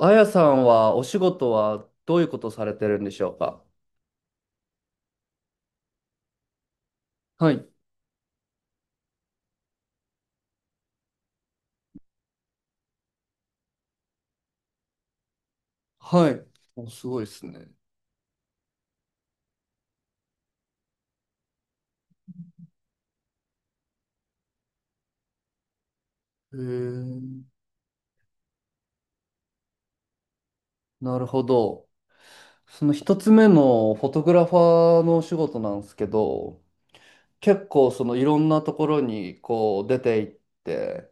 あやさんはお仕事はどういうことされてるんでしょうか？はい。はい。お、すごいですね。へえ。なるほど。その一つ目のフォトグラファーのお仕事なんですけど、結構そのいろんなところに出て行って、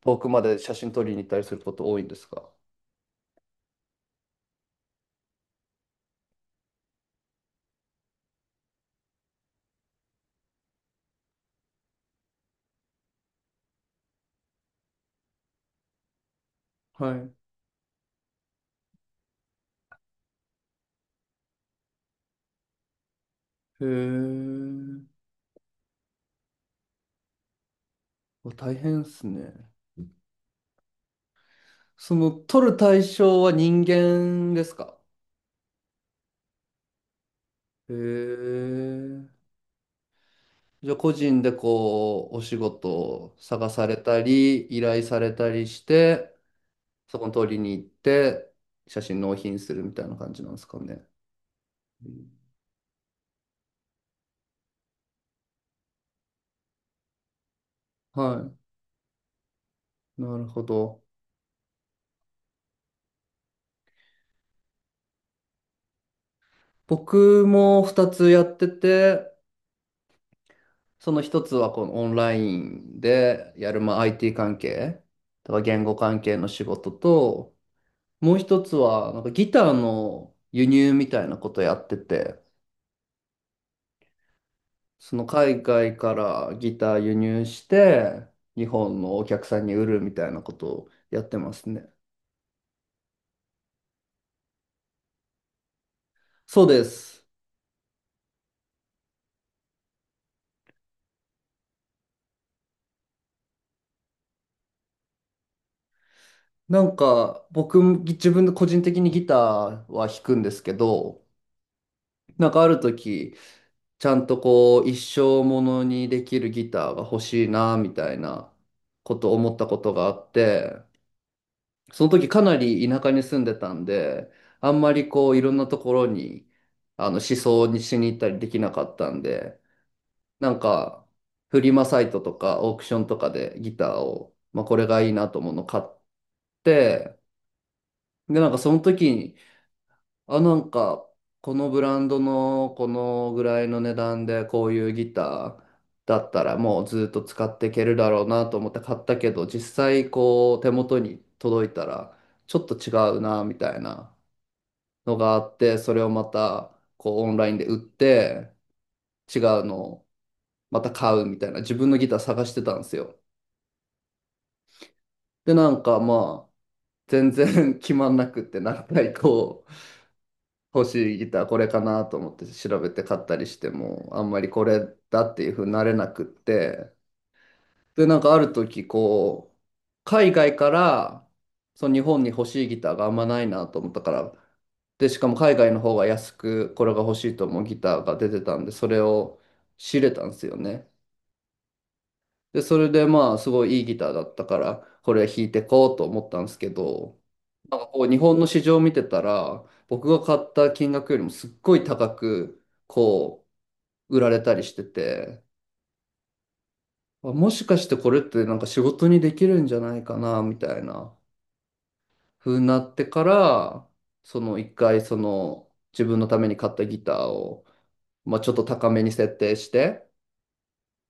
遠くまで写真撮りに行ったりすること多いんですか？はい。へえ。お、大変ですね。その撮る対象は人間ですか？へえ。じゃあ個人でお仕事を探されたり、依頼されたりして、そこの通りに行って、写真納品するみたいな感じなんですかね。うん、はい。なるほど。僕も二つやってて、その一つはこのオンラインでやる、まあ、IT 関係、とか言語関係の仕事と、もう一つはなんかギターの輸入みたいなことやってて、その海外からギター輸入して、日本のお客さんに売るみたいなことをやってますね。そうです。なんか僕、自分で個人的にギターは弾くんですけど、なんかある時、ちゃんと一生ものにできるギターが欲しいな、みたいなことを思ったことがあって、その時かなり田舎に住んでたんで、あんまりいろんなところに、思想にしに行ったりできなかったんで、なんか、フリマサイトとかオークションとかでギターを、まあ、これがいいなと思うのを買って、で、なんかその時に、あ、なんか、このブランドのこのぐらいの値段でこういうギターだったらもうずっと使っていけるだろうなと思って買ったけど、実際こう手元に届いたらちょっと違うなみたいなのがあって、それをまたこうオンラインで売って違うのをまた買うみたいな自分のギター探してたんですよ。で、なんかまあ、全然 決まんなくって、何回こう、欲しいギターこれかなと思って調べて買ったりしても、あんまりこれだっていう風になれなくって、で、なんかある時こう、海外から、その日本に欲しいギターがあんまないなと思ったから、で、しかも海外の方が安く、これが欲しいと思うギターが出てたんで、それを仕入れたんですよね。で、それでまあ、すごいいいギターだったから、これ弾いてこうと思ったんですけど、なんかこう日本の市場を見てたら僕が買った金額よりもすっごい高くこう売られたりしてて、あ、もしかしてこれってなんか仕事にできるんじゃないかなみたいな風になってから、その一回その自分のために買ったギターを、まあ、ちょっと高めに設定して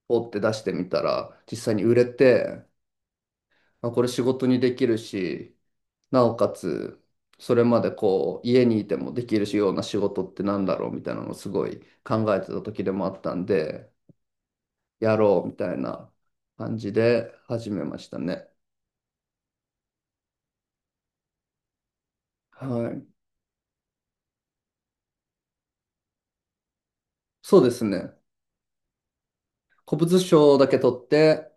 ポって出してみたら実際に売れて、あ、これ仕事にできるし、なおかつ、それまで家にいてもできるような仕事ってなんだろうみたいなのをすごい考えてた時でもあったんで、やろうみたいな感じで始めましたね。はい。そうですね。古物商だけ取って、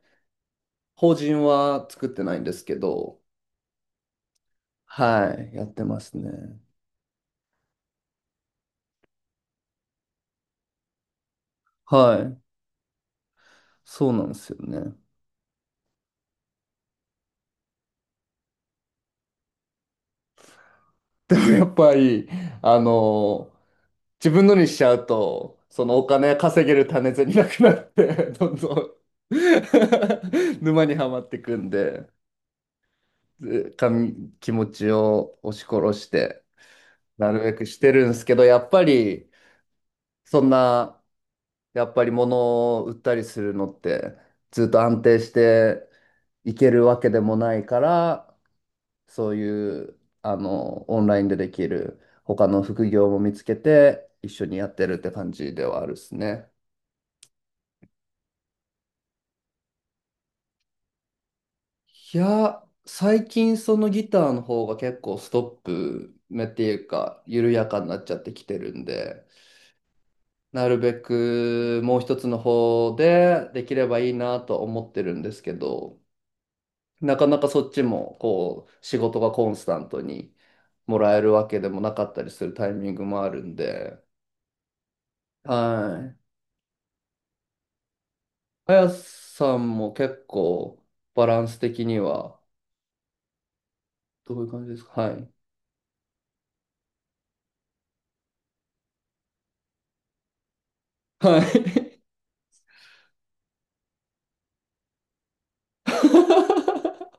法人は作ってないんですけど、はい、やってますね。はい。そうなんですよね。やっぱり、あの、自分のにしちゃうと、そのお金稼げる種銭なくなって、どんどん 沼にはまっていくんで、ずかみ気持ちを押し殺して、なるべくしてるんですけど、やっぱり、そんな、やっぱり物を売ったりするのって、ずっと安定していけるわけでもないから、そういう、オンラインでできる他の副業も見つけて、一緒にやってるって感じではあるですね。いや、最近そのギターの方が結構ストップ目っていうか、緩やかになっちゃってきてるんで、なるべくもう一つの方でできればいいなと思ってるんですけど、なかなかそっちも仕事がコンスタントにもらえるわけでもなかったりするタイミングもあるんで、はい。あやさんも結構バランス的にはどういう感じですか？はい。はい。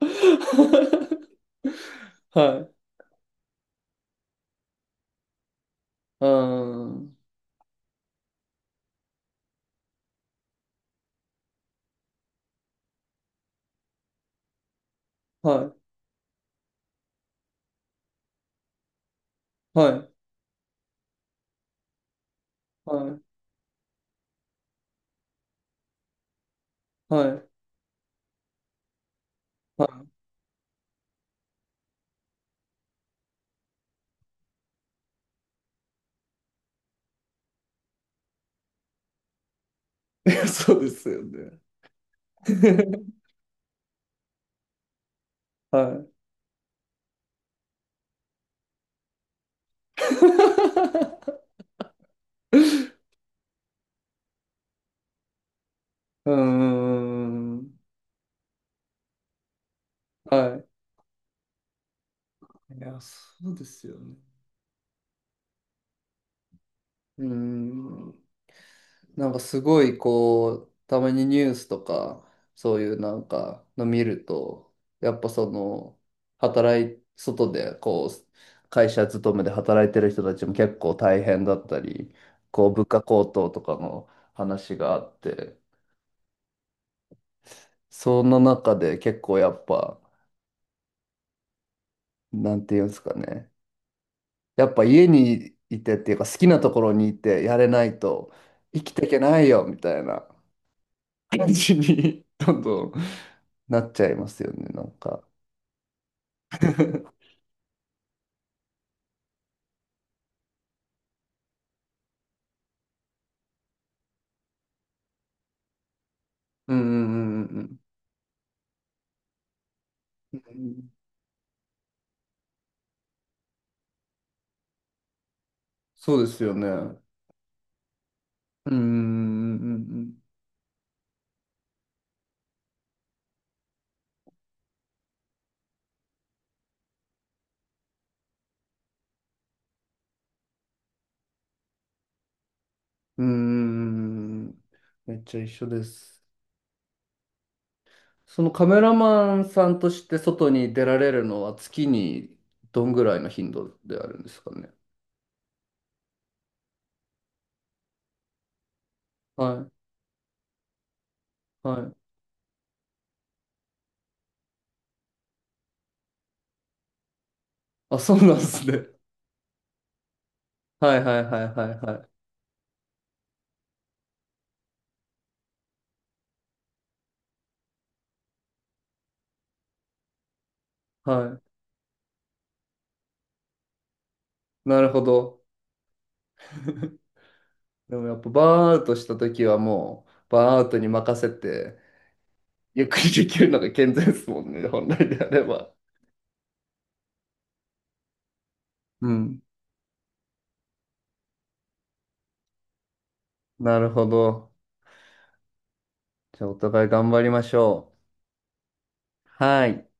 はい。うーん。はい。はい。はい。はい。はい。いや、そうですよね。はい。うーん。はい。いや、そうですよね。うーん。なんかすごいたまにニュースとか、そういうなんかの見ると、やっぱその、働い、外で会社勤めで働いてる人たちも結構大変だったり、こう、物価高騰とかの話があって、その中で結構やっぱ、なんていうんですかね、やっぱ家にいてっていうか好きなところにいてやれないと生きていけないよみたいな。感じにどんどんなっちゃいますよね、なんか。うん、うん、うん、うん、うん。そうですよね。うん、うん、うん、うん。うーん。めっちゃ一緒です。そのカメラマンさんとして外に出られるのは月にどんぐらいの頻度であるんですかね。はい。はい。あ、そうなんですね。はい、はい、はい、はい、はい。はい。なるほど。でもやっぱバーンアウトした時はもうバーンアウトに任せてゆっくりできるのが健全ですもんね、本来であれば。うん。なるほど。じゃあ、お互い頑張りましょう。はい。